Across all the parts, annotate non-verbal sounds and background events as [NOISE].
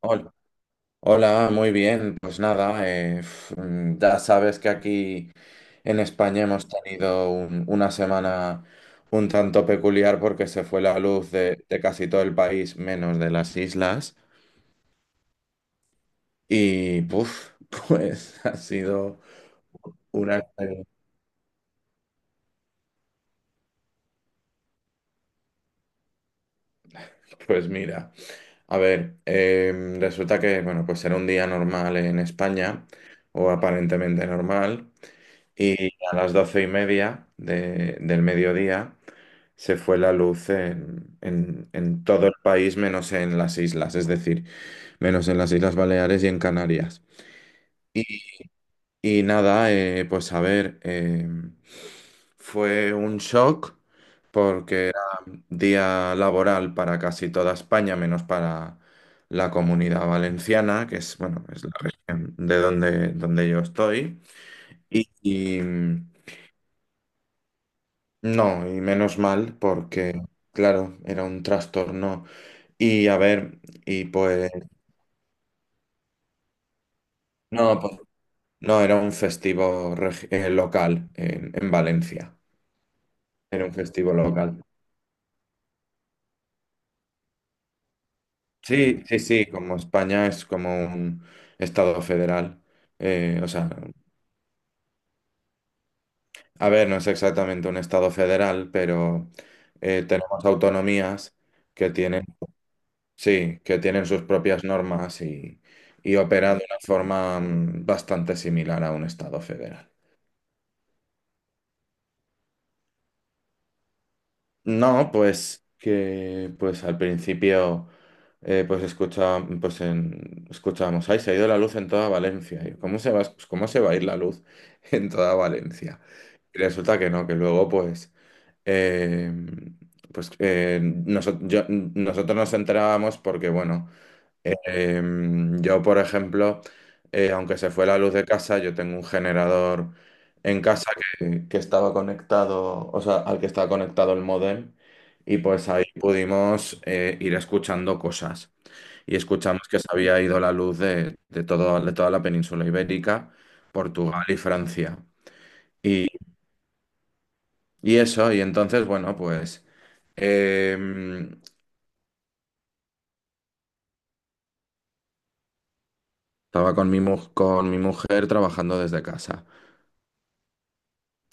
Hola, hola, muy bien. Pues nada, ya sabes que aquí en España hemos tenido una semana un tanto peculiar porque se fue la luz de casi todo el país, menos de las islas. Y puf, [LAUGHS] pues ha sido una experiencia. Pues mira, a ver, resulta que, bueno, pues era un día normal en España, o aparentemente normal, y a las 12:30 del mediodía. Se fue la luz en todo el país, menos en las islas, es decir, menos en las Islas Baleares y en Canarias. Y, y nada, pues a ver, fue un shock porque día laboral para casi toda España, menos para la Comunidad Valenciana, que es, bueno, es la región de donde yo estoy. Y, y mm, no, y menos mal porque, claro, era un trastorno. Y a ver, y pues, no, era un festivo local en Valencia. Era un festivo local. Sí, sí, sí, como España es como un estado federal. eh, o sea, a ver, no es exactamente un estado federal, pero tenemos autonomías que tienen, sí, que tienen sus propias normas y operan de una forma bastante similar a un estado federal. No, pues que pues al principio, pues escucha, pues escuchábamos, ay, se ha ido la luz en toda Valencia. Y yo, ¿cómo se va, pues, cómo se va a ir la luz [LAUGHS] en toda Valencia? Y resulta que no, que luego pues, eh, nosotros nos enterábamos porque, bueno, eh, yo, por ejemplo, aunque se fue la luz de casa, yo tengo un generador en casa que estaba conectado, o sea, al que estaba conectado el módem, y pues ahí pudimos ir escuchando cosas. Y escuchamos que se había ido la luz de todo, de toda la península ibérica, Portugal y Francia. Y, y eso, y entonces, bueno, pues eh, estaba con con mi mujer trabajando desde casa.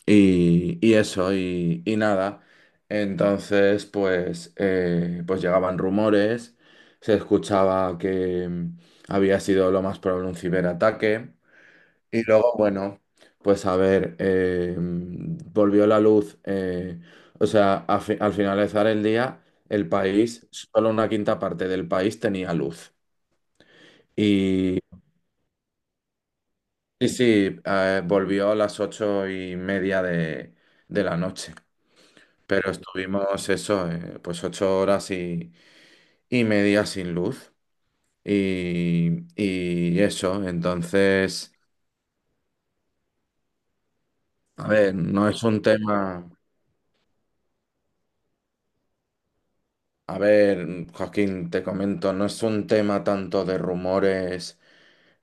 Y eso, y nada. Entonces, pues, pues llegaban rumores, se escuchaba que había sido lo más probable un ciberataque. Y luego, bueno, pues a ver, volvió la luz. Al finalizar el día, el país, solo una quinta parte del país tenía luz. Y sí, sí, volvió a las 8:30 de la noche. Pero estuvimos eso, pues 8 horas y media sin luz. Y eso, entonces, a ver, no es un tema, a ver, Joaquín, te comento, no es un tema tanto de rumores,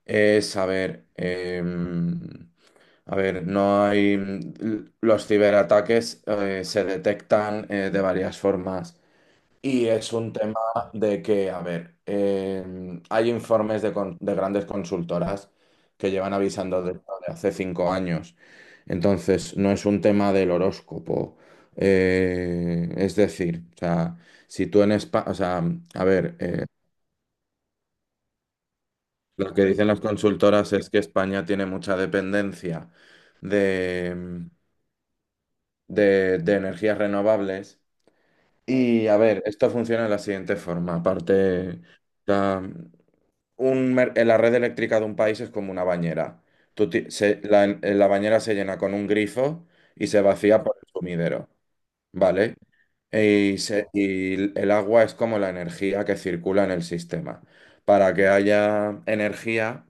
es, a ver, a ver, no hay. Los ciberataques se detectan de varias formas. Y es un tema de que, a ver, hay informes de grandes consultoras que llevan avisando de esto de hace 5 años. Entonces, no es un tema del horóscopo. Es decir, o sea, si tú en España, o sea, a ver, lo que dicen las consultoras es que España tiene mucha dependencia de, em, de energías renovables. Y a ver, esto funciona de la siguiente forma. Aparte, la red eléctrica de un país es como una bañera. Tú ti- se- la bañera se llena con un grifo y se vacía por el sumidero, ¿vale? El agua es como la energía que circula en el sistema. Para que haya energía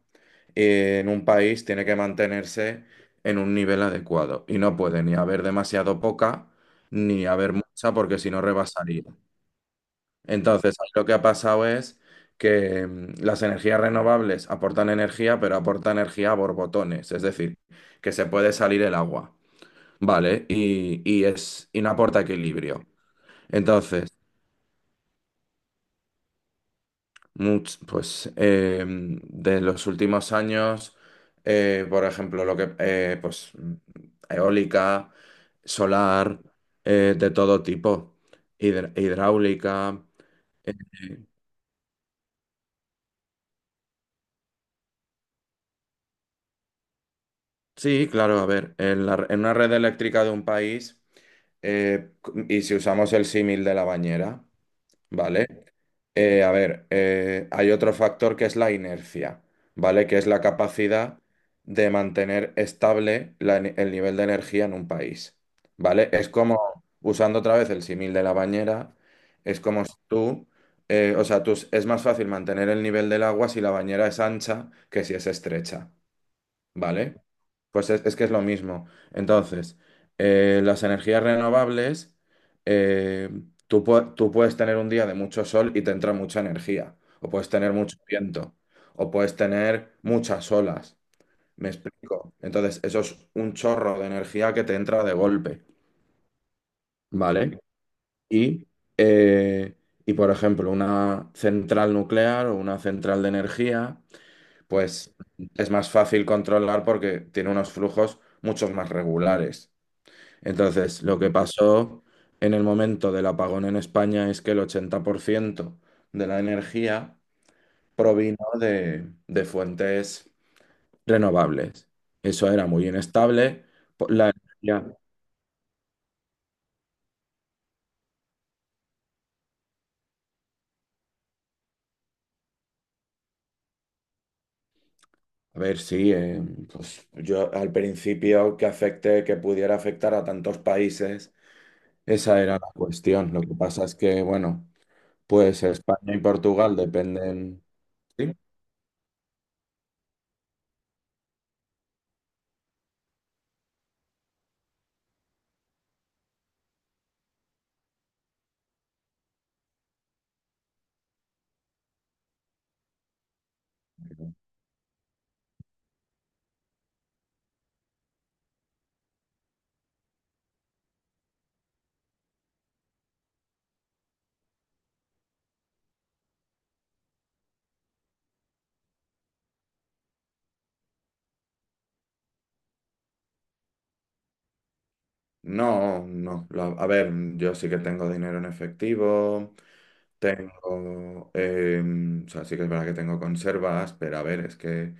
en un país tiene que mantenerse en un nivel adecuado y no puede ni haber demasiado poca ni haber mucha porque si no rebasaría. Entonces, ahí lo que ha pasado es que las energías renovables aportan energía, pero aportan energía a borbotones, es decir, que se puede salir el agua, ¿vale? Y no aporta equilibrio. Entonces, de los últimos años, por ejemplo, lo que, eólica, solar, de todo tipo, hidráulica. eh, Sí, claro, a ver, en una red eléctrica de un país, eh, y si usamos el símil de la bañera, ¿vale? A ver, hay otro factor que es la inercia, ¿vale? Que es la capacidad de mantener estable el nivel de energía en un país, ¿vale? Es como, usando otra vez el símil de la bañera, es como si tú, es más fácil mantener el nivel del agua si la bañera es ancha que si es estrecha. Vale, pues es que es lo mismo. Entonces, las energías renovables, eh, tú puedes tener un día de mucho sol y te entra mucha energía, o puedes tener mucho viento, o puedes tener muchas olas. ¿Me explico? Entonces, eso es un chorro de energía que te entra de golpe, ¿vale? Y, eh, y por ejemplo, una central nuclear o una central de energía pues es más fácil controlar porque tiene unos flujos muchos más regulares. Entonces, lo que pasó en el momento del apagón en España es que el 80% de la energía provino de fuentes renovables. Eso era muy inestable. Po- La energía, a ver, sí, pues yo al principio que afecte, que pudiera afectar a tantos países, esa era la cuestión. Lo que pasa es que, bueno, pues España y Portugal dependen. ¿Sí? No, no. A ver, yo sí que tengo dinero en efectivo, tengo, o sea, sí que es verdad que tengo conservas, pero a ver, es que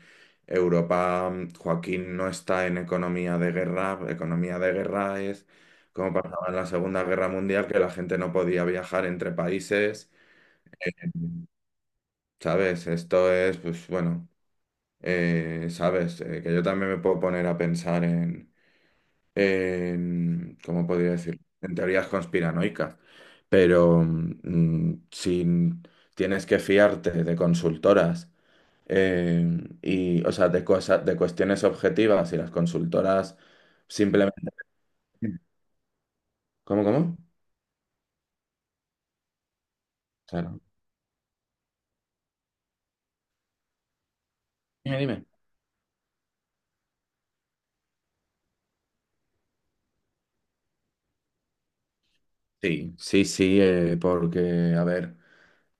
Europa, Joaquín no está en economía de guerra. Economía de guerra es como pasaba en la Segunda Guerra Mundial, que la gente no podía viajar entre países. Mm. ¿Sabes? Esto es, pues bueno, ¿sabes? Que yo también me puedo poner a pensar ¿cómo podría decir? En teorías conspiranoicas, pero si tienes que fiarte de consultoras eh, y, o sea, de cosas, de cuestiones objetivas y las consultoras simplemente... ¿Cómo, cómo? Claro. Dime, dime. Sí, sí, sí, porque,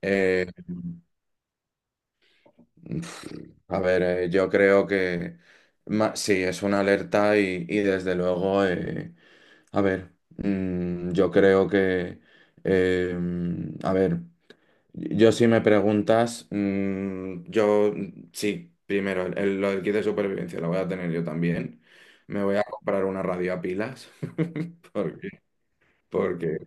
eh, a ver, yo creo que sí, es una alerta y desde luego... A ver, yo creo que, a ver, yo si me preguntas, sí, primero, lo del kit de supervivencia lo voy a tener yo también. Me voy a comprar una radio a pilas, [LAUGHS] porque, porque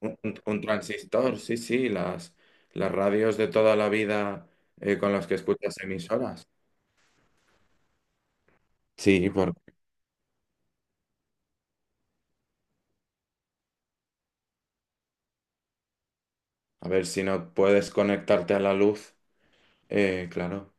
un transistor, sí, sí, las radios de toda la vida con las que escuchas emisoras. Sí, por, a ver si no puedes conectarte a la luz, claro.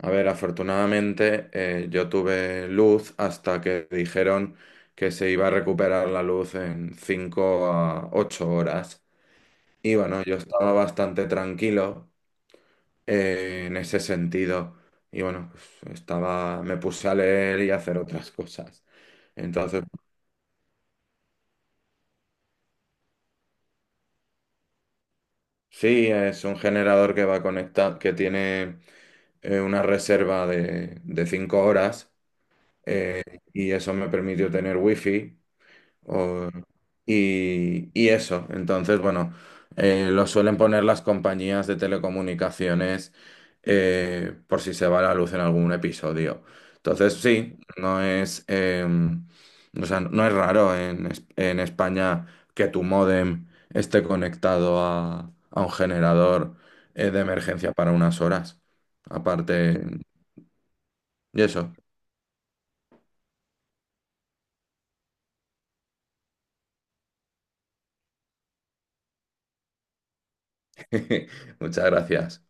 A ver, afortunadamente yo tuve luz hasta que dijeron que se iba a recuperar la luz en 5 a 8 horas. Y bueno, yo estaba bastante tranquilo en ese sentido. Y bueno, pues, estaba, me puse a leer y a hacer otras cosas. Entonces, sí, es un generador que va conectado, que tiene una reserva de 5 horas, eh, y eso me permitió tener wifi. O- y eso, entonces, bueno, lo suelen poner las compañías de telecomunicaciones por si se va la luz en algún episodio. Entonces, sí, o sea, no es raro en España que tu módem esté conectado a un generador de emergencia para unas horas. Aparte, y eso. [LAUGHS] Muchas gracias.